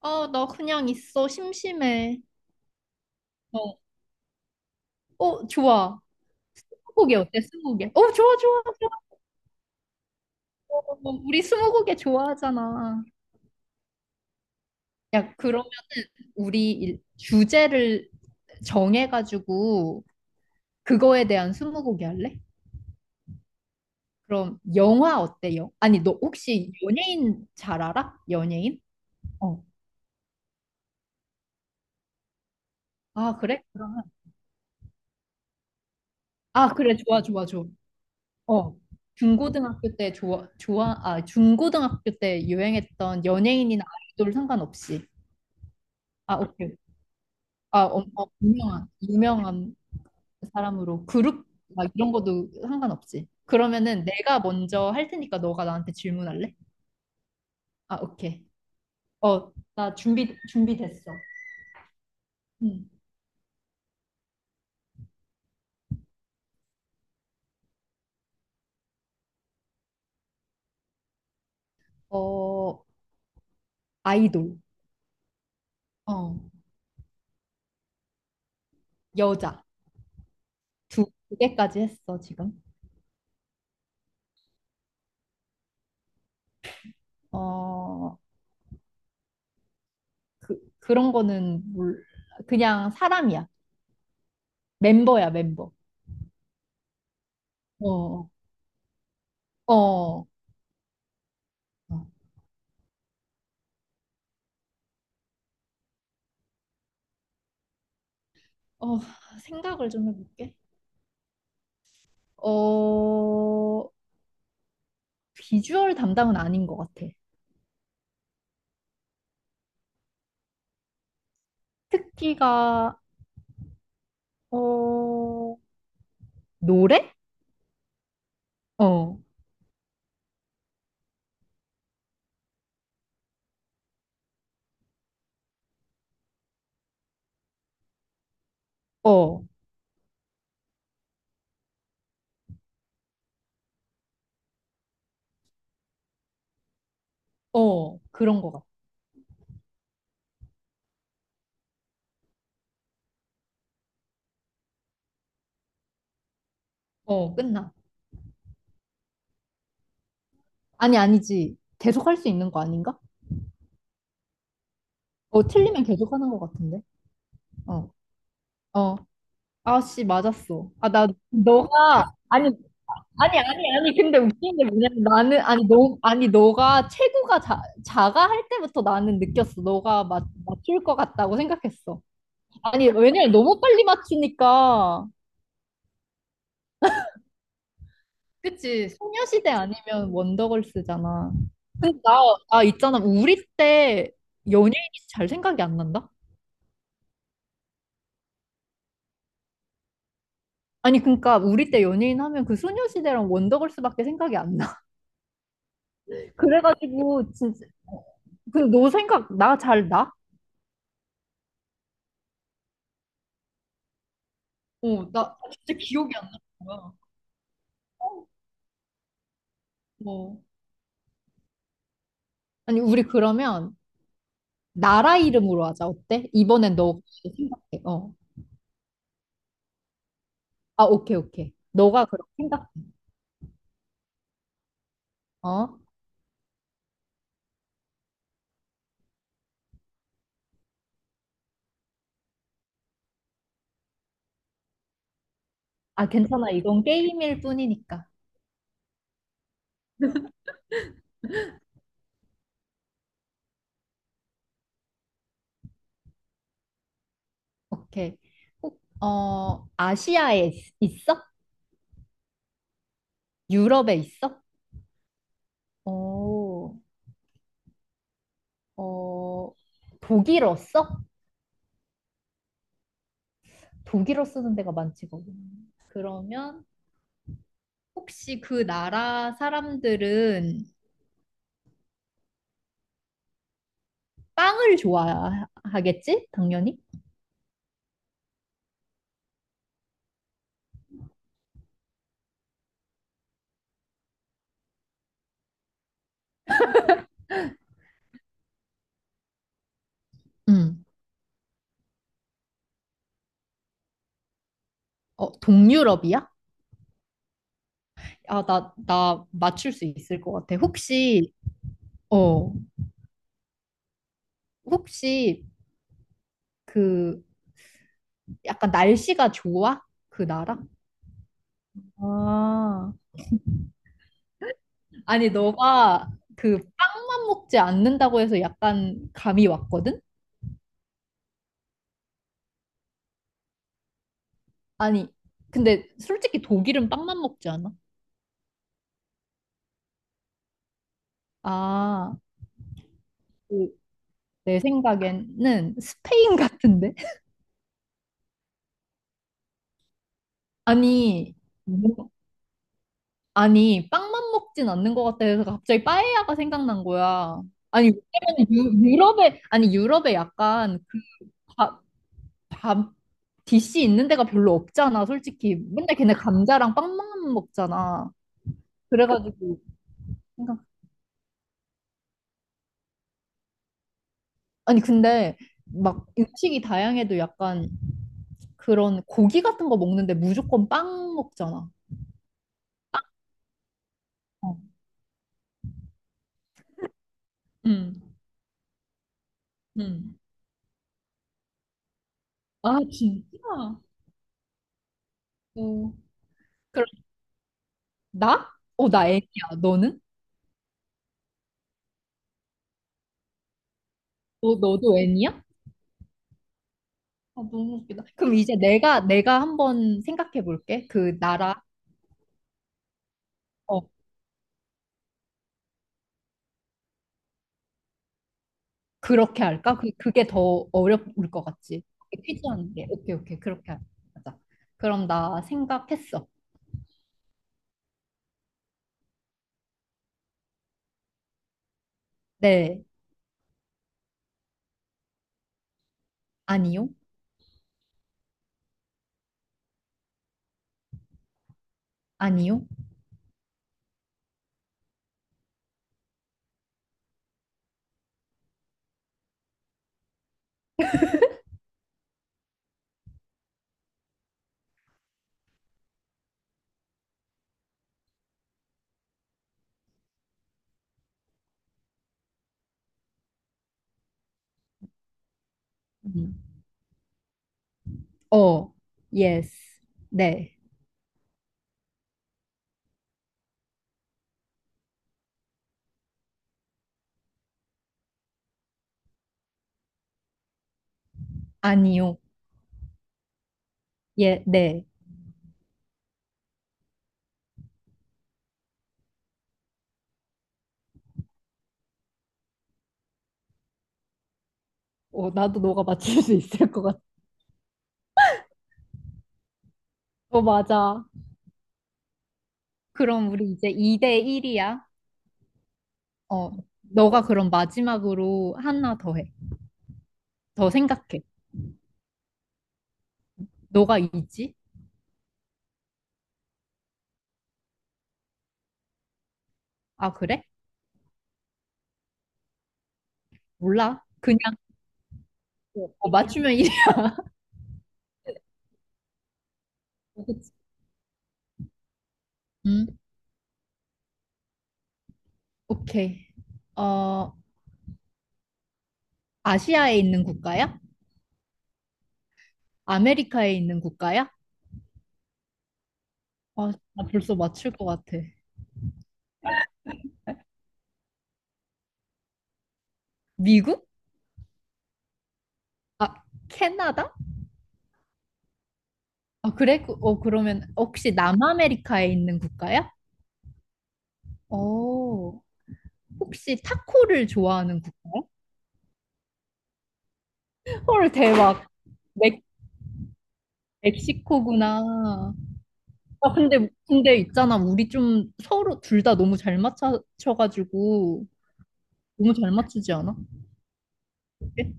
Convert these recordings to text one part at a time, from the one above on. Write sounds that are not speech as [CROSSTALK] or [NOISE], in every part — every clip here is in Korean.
아, 나 그냥 있어. 심심해. 어, 어, 좋아. 스무고개 어때? 스무고개. 어, 좋아, 좋아, 좋아. 어, 우리 스무고개 좋아하잖아. 야, 그러면은 우리 주제를 정해가지고 그거에 대한 스무고개 할래? 그럼 영화 어때? 요 아니, 너 혹시 연예인 잘 알아? 연예인? 어. 아, 그래? 그러면. 아, 그래. 좋아, 좋아, 좋아. 어, 중고등학교 때 좋아, 좋아, 아, 중고등학교 때 유행했던 연예인이나 아이돌 상관없이. 아, 오케이. 아, 어, 어, 유명한 사람으로. 그룹, 막 이런 것도 상관없지. 그러면은 내가 먼저 할 테니까 너가 나한테 질문할래? 아, 오케이. 어, 나 준비됐어. 응. 어, 아이돌. 어, 여자. 두 개까지 했어, 지금. 어, 그런 거는 몰라. 그냥 사람이야. 멤버야, 멤버. 어, 어, 어, 어, 생각을 좀 해볼게. 어, 비주얼 담당은 아닌 것 같아. 특기가, 어, 노래? 어, 어, 어, 그런 것 같아. 어, 끝나. 아니, 아니지. 계속 할 수 있는 거 아닌가? 어, 틀리면 계속 하는 것 같은데. 어, 어. 아씨, 맞았어. 아, 나, 너가, 아니, 근데 웃긴 게 뭐냐면 나는, 아니, 너, 아니, 너가 체구가 작아 할 때부터 나는 느꼈어. 너가 맞출 것 같다고 생각했어. 아니, 왜냐면 너무 빨리 맞추니까. 그치, 소녀시대 아니면 원더걸스잖아. 근데 나, 나 있잖아. 우리 때 연예인이 잘 생각이 안 난다? 아니, 그러니까 우리 때 연예인 하면 그 소녀시대랑 원더걸스밖에 생각이 안 나. [LAUGHS] 그래가지고, 진짜. 어. 근데 너 생각, 나 잘 나? 어, 나 진짜 기억이 안 나는 거야. 어. 아니, 우리 그러면 나라 이름으로 하자. 어때? 이번엔 너가 생각해. 어. 아, 오케이, 오케이. 너가 그렇게 생각해. 어? 아, 괜찮아. 이건 게임일 뿐이니까. 오케이. 아시아에 있어? 유럽에 있어? 어, 어, 독일어 써? 독일어 쓰는 데가 많지 거기 그러면 혹시 그 나라 사람들은 빵을 좋아하겠지? 당연히? 응. 어, 동유럽이야? 아, 나 맞출 수 있을 것 같아. 혹시, 어, 혹시 그 약간 날씨가 좋아? 그 나라? 아, 아니, 너가 그 빵만 먹지 않는다고 해서 약간 감이 왔거든? 아니, 근데 솔직히 독일은 빵만 먹지 않아? 아, 그, 내 생각에는 스페인 같은데? [LAUGHS] 아니, 뭐 아니, 빵만 먹진 않는 것 같다 해서 갑자기 빠에야가 생각난 거야. 아니, 왜냐면 유럽에, 아니, 유럽에 약간 그 밥, 밥, 디시 있는 데가 별로 없잖아, 솔직히. 맨날 걔네 감자랑 빵만 먹잖아. 그래가지고, 생각, 아니, 근데 막 음식이 다양해도 약간 그런 고기 같은 거 먹는데 무조건 빵 먹잖아. 어. 응, 응. 아, 진짜? 어. 그럼, 나? 어, 나 애기야. 너는? 너도 N이야? 아, 너무 웃기다. 그럼 이제 내가 한번 생각해 볼게. 그 나라, 어, 그렇게 할까? 그게 더 어려울 것 같지. 퀴즈 하는 게. 오케이, 오케이. 그렇게 하자. 그럼 나 생각했어. 네. 아니요. 아니요. 음. 어. 예스. 네. 아니요. 예, 네. 어, 나도 너가 맞출 수 있을 것 같아. 어, 맞아. 그럼 우리 이제 2대 1이야. 어, 너가 그럼 마지막으로 하나 더 해. 더 생각해. 너가 이지? 아, 그래? 몰라. 그냥 어, 맞추면 이래. [LAUGHS] 음, 오케이. 어, 아시아에 있는 국가야? 아메리카에 있는 국가야? 아, 나 벌써 맞출 것 같아. 미국? 아, 캐나다? 아, 그래? 그- 어, 그러면 혹시 남아메리카에 있는 국가야? 어, 혹시 타코를 좋아하는 국가야? 헐, 대박. 멕, 멕시코구나. 아, 근데 있잖아. 우리 좀 서로 둘 다 너무 잘 맞춰가지고, 너무 잘 맞추지 않아? 어때?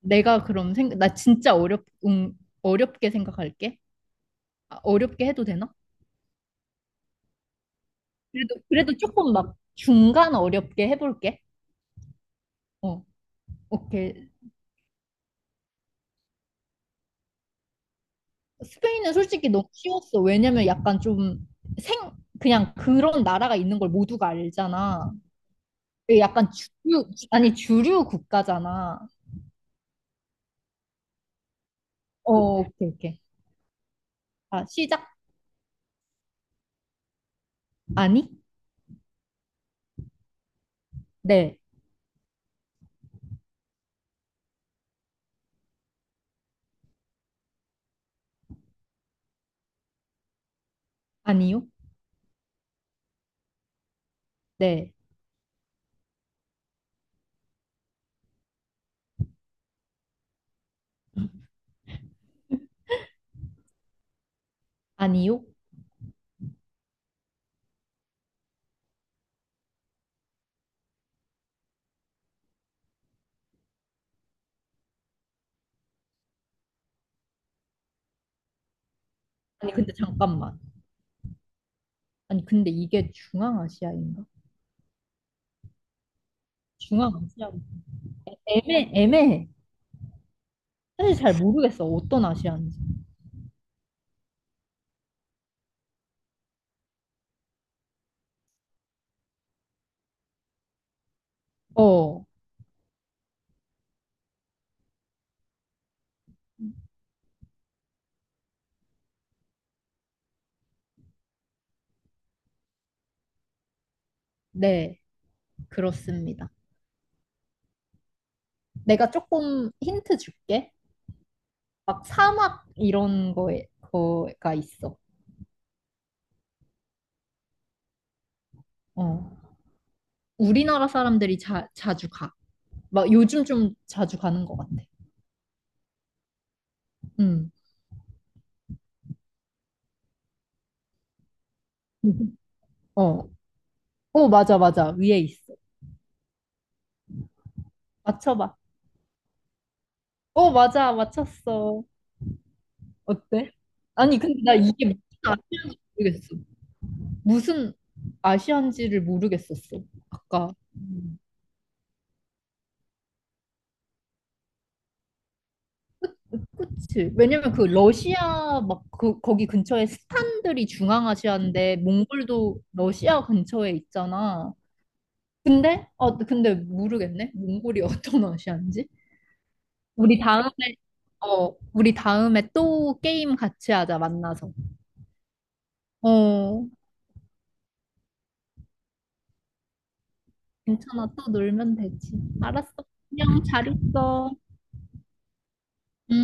내가 그럼 생각, 나 진짜 어렵, 응, 어렵게 생각할게. 아, 어렵게 해도 되나? 그래도, 그래도 조금 막 중간 어렵게 해볼게. 어, 오케이. 스페인은 솔직히 너무 쉬웠어. 왜냐면 약간 좀 생, 그냥 그런 나라가 있는 걸 모두가 알잖아. 그 약간 주류, 아니, 주류 국가잖아. 어, 오케이, 오케이. 아, 시작. 아니? 네. 아니요? 네. 아니요? 아니, 근데 잠깐만. 아니, 근데 이게 중앙아시아인가? 중앙아시아. 애매해. 사실 잘 모르겠어. 어떤 아시아인지. 어, 네. 그렇습니다. 내가 조금 힌트 줄게. 막 사막 이런 거에, 거가 있어. 어. 우리나라 사람들이 자주 가. 막 요즘 좀 자주 가는 것 같아. 응 어. 어, 맞아, 맞아. 위에 있어. 맞춰봐. 어, 맞아. 맞췄어. 어때? 아니, 근데 나 이게 무슨 아시안지 모르겠어. 무슨 아시안지를 모르겠었어. 아까. 음. 그치. 왜냐면 그 러시아 막 그, 거기 근처에 스탄들이 중앙아시아인데 몽골도 러시아 근처에 있잖아. 근데 어 근데 모르겠네. 몽골이 [LAUGHS] 어떤 아시아인지. 우리 다음에 어 우리 다음에 또 게임 같이 하자 만나서. 어 괜찮아 또 놀면 되지. 알았어. 안녕 잘 있어. 음.